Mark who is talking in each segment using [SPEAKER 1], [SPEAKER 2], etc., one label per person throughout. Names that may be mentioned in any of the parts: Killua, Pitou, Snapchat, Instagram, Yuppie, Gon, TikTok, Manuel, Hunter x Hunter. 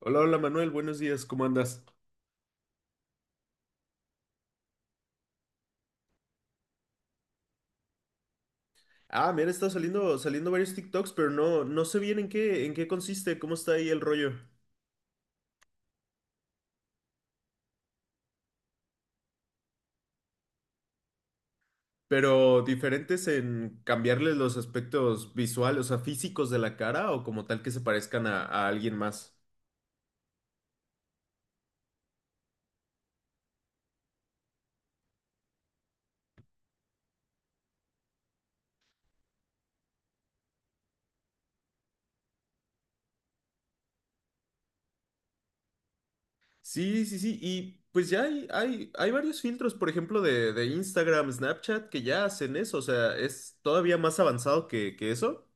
[SPEAKER 1] Hola, hola Manuel, buenos días, ¿cómo andas? Ah, mira, está saliendo varios TikToks, pero no sé bien en qué consiste, cómo está ahí el rollo. Pero diferentes en cambiarles los aspectos visuales, o sea, físicos de la cara o como tal que se parezcan a alguien más. Sí, sí, sí, y pues ya hay, hay varios filtros, por ejemplo, de Instagram, Snapchat, que ya hacen eso, o sea, es todavía más avanzado que eso.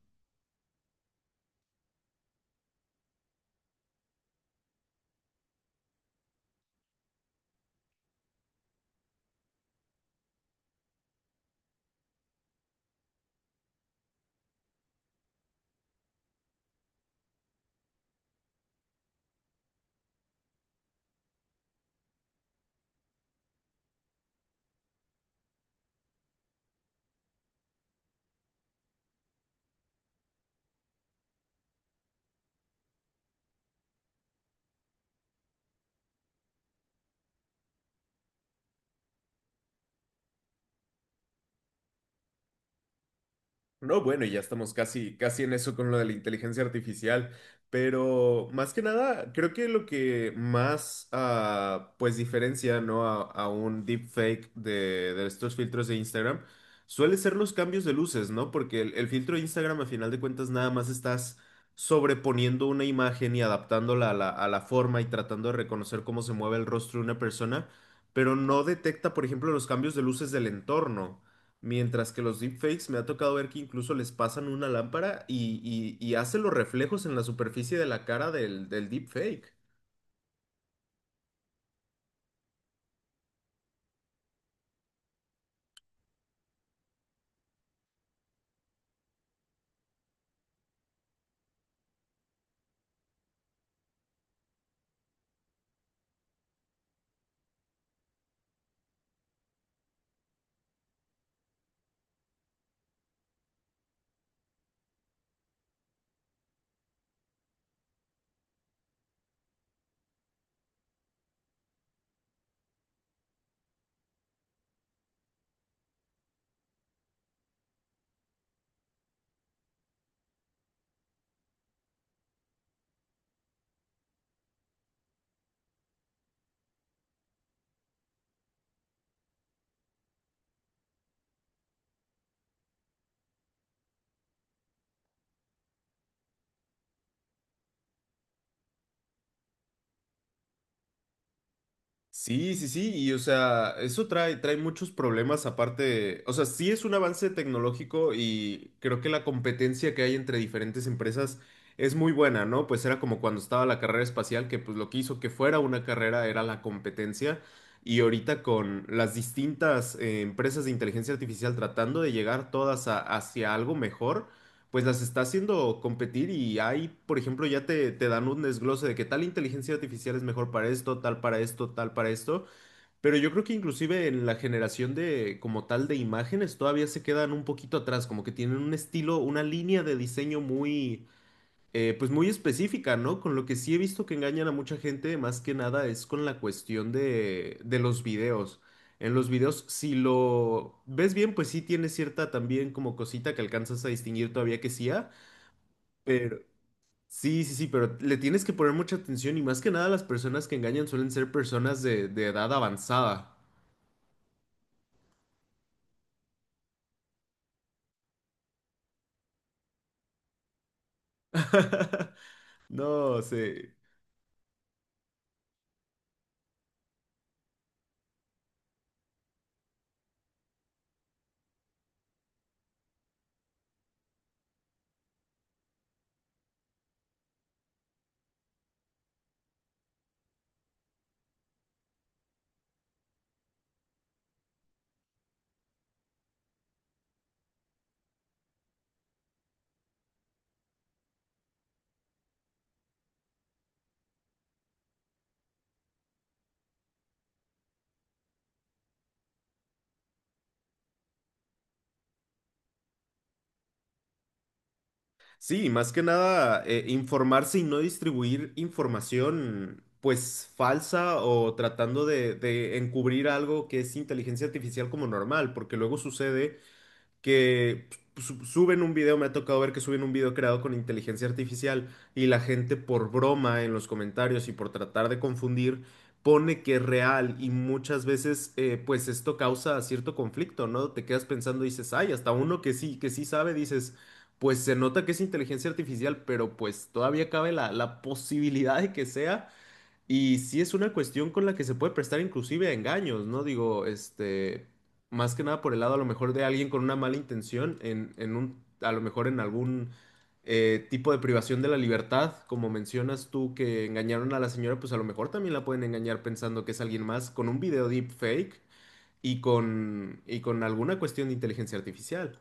[SPEAKER 1] No, bueno, y ya estamos casi, casi en eso con lo de la inteligencia artificial, pero más que nada, creo que lo que más, pues, diferencia, ¿no? A, a un deepfake de estos filtros de Instagram suele ser los cambios de luces, ¿no? Porque el filtro de Instagram, a final de cuentas, nada más estás sobreponiendo una imagen y adaptándola a la forma y tratando de reconocer cómo se mueve el rostro de una persona, pero no detecta, por ejemplo, los cambios de luces del entorno. Mientras que los deepfakes me ha tocado ver que incluso les pasan una lámpara y hace los reflejos en la superficie de la cara del, del deepfake. Sí, sí, sí, y o sea, eso trae muchos problemas aparte, o sea, sí es un avance tecnológico y creo que la competencia que hay entre diferentes empresas es muy buena, ¿no? Pues era como cuando estaba la carrera espacial, que pues lo que hizo que fuera una carrera era la competencia y ahorita con las distintas empresas de inteligencia artificial tratando de llegar todas a- hacia algo mejor, pues las está haciendo competir y ahí, por ejemplo, ya te dan un desglose de que tal inteligencia artificial es mejor para esto, tal para esto, tal para esto, pero yo creo que inclusive en la generación de como tal de imágenes todavía se quedan un poquito atrás, como que tienen un estilo, una línea de diseño muy, pues muy específica, ¿no? Con lo que sí he visto que engañan a mucha gente, más que nada es con la cuestión de los videos. En los videos, si lo ves bien, pues sí tiene cierta también como cosita que alcanzas a distinguir todavía que sí hay. Pero sí, sí, sí, pero le tienes que poner mucha atención y más que nada las personas que engañan suelen ser personas de edad avanzada. No sé. Sí, más que nada informarse y no distribuir información pues falsa o tratando de encubrir algo que es inteligencia artificial como normal, porque luego sucede que su- suben un video, me ha tocado ver que suben un video creado con inteligencia artificial y la gente por broma en los comentarios y por tratar de confundir pone que es real y muchas veces pues esto causa cierto conflicto, ¿no? Te quedas pensando y dices, ay, hasta uno que sí sabe, dices, pues se nota que es inteligencia artificial, pero pues todavía cabe la, la posibilidad de que sea. Y sí es una cuestión con la que se puede prestar inclusive a engaños, ¿no? Digo, este, más que nada por el lado a lo mejor de alguien con una mala intención, en un, a lo mejor en algún tipo de privación de la libertad, como mencionas tú que engañaron a la señora, pues a lo mejor también la pueden engañar pensando que es alguien más con un video deepfake y con alguna cuestión de inteligencia artificial.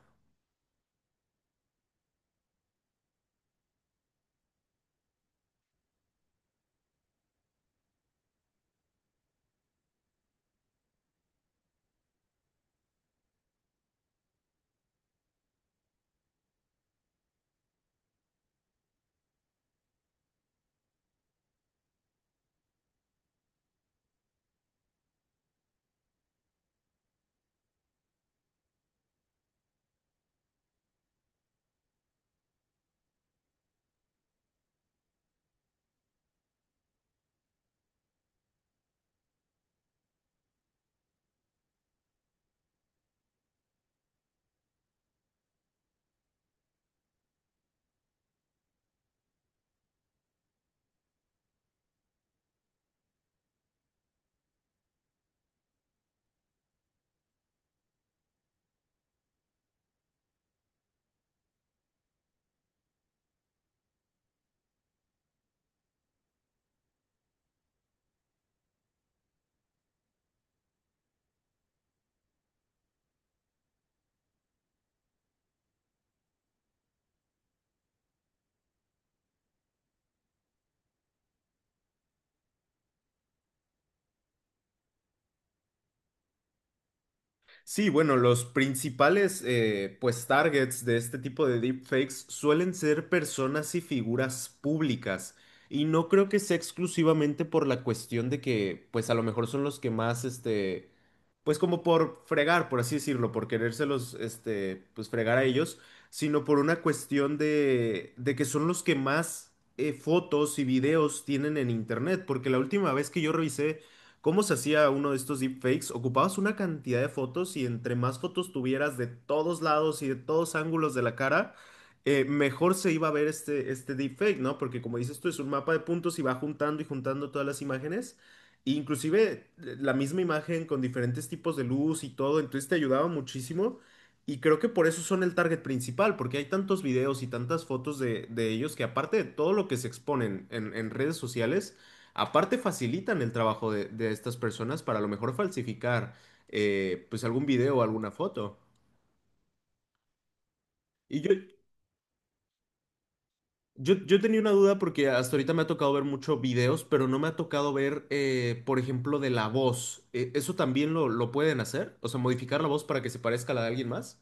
[SPEAKER 1] Sí, bueno, los principales pues targets de este tipo de deepfakes suelen ser personas y figuras públicas. Y no creo que sea exclusivamente por la cuestión de que pues a lo mejor son los que más este pues como por fregar, por así decirlo, por querérselos este pues fregar a ellos, sino por una cuestión de que son los que más fotos y videos tienen en internet, porque la última vez que yo revisé ¿cómo se hacía uno de estos deepfakes? Ocupabas una cantidad de fotos y entre más fotos tuvieras de todos lados y de todos ángulos de la cara, mejor se iba a ver este, este deepfake, ¿no? Porque como dices tú, es un mapa de puntos y va juntando y juntando todas las imágenes. E inclusive la misma imagen con diferentes tipos de luz y todo, entonces te ayudaba muchísimo. Y creo que por eso son el target principal, porque hay tantos videos y tantas fotos de ellos que aparte de todo lo que se exponen en redes sociales, aparte facilitan el trabajo de estas personas para a lo mejor falsificar pues algún video o alguna foto. Y yo, yo tenía una duda porque hasta ahorita me ha tocado ver muchos videos, pero no me ha tocado ver, por ejemplo, de la voz. ¿Eso también lo pueden hacer? O sea, modificar la voz para que se parezca a la de alguien más.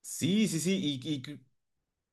[SPEAKER 1] Sí, sí, sí. Y,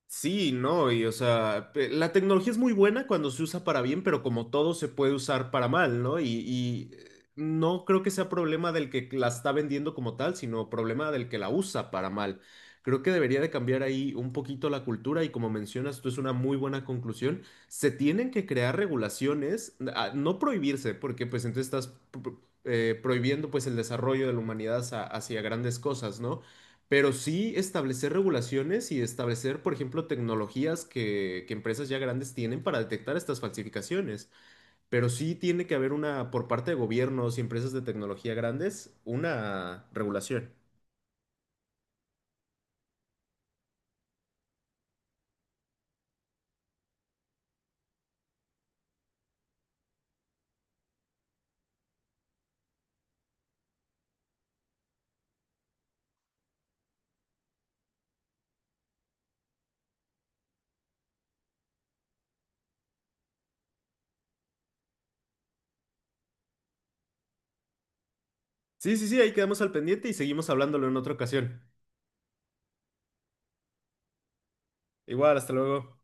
[SPEAKER 1] sí, no, y o sea, pe- la tecnología es muy buena cuando se usa para bien, pero como todo se puede usar para mal, ¿no? Y, no creo que sea problema del que la está vendiendo como tal, sino problema del que la usa para mal. Creo que debería de cambiar ahí un poquito la cultura y como mencionas, tú es una muy buena conclusión. Se tienen que crear regulaciones, no prohibirse, porque pues entonces estás pro- pro- prohibiendo pues el desarrollo de la humanidad hacia grandes cosas, ¿no? Pero sí establecer regulaciones y establecer, por ejemplo, tecnologías que empresas ya grandes tienen para detectar estas falsificaciones. Pero sí tiene que haber una, por parte de gobiernos y empresas de tecnología grandes, una regulación. Sí, sí, sí, ahí quedamos al pendiente y seguimos hablándolo en otra ocasión. Igual, hasta luego.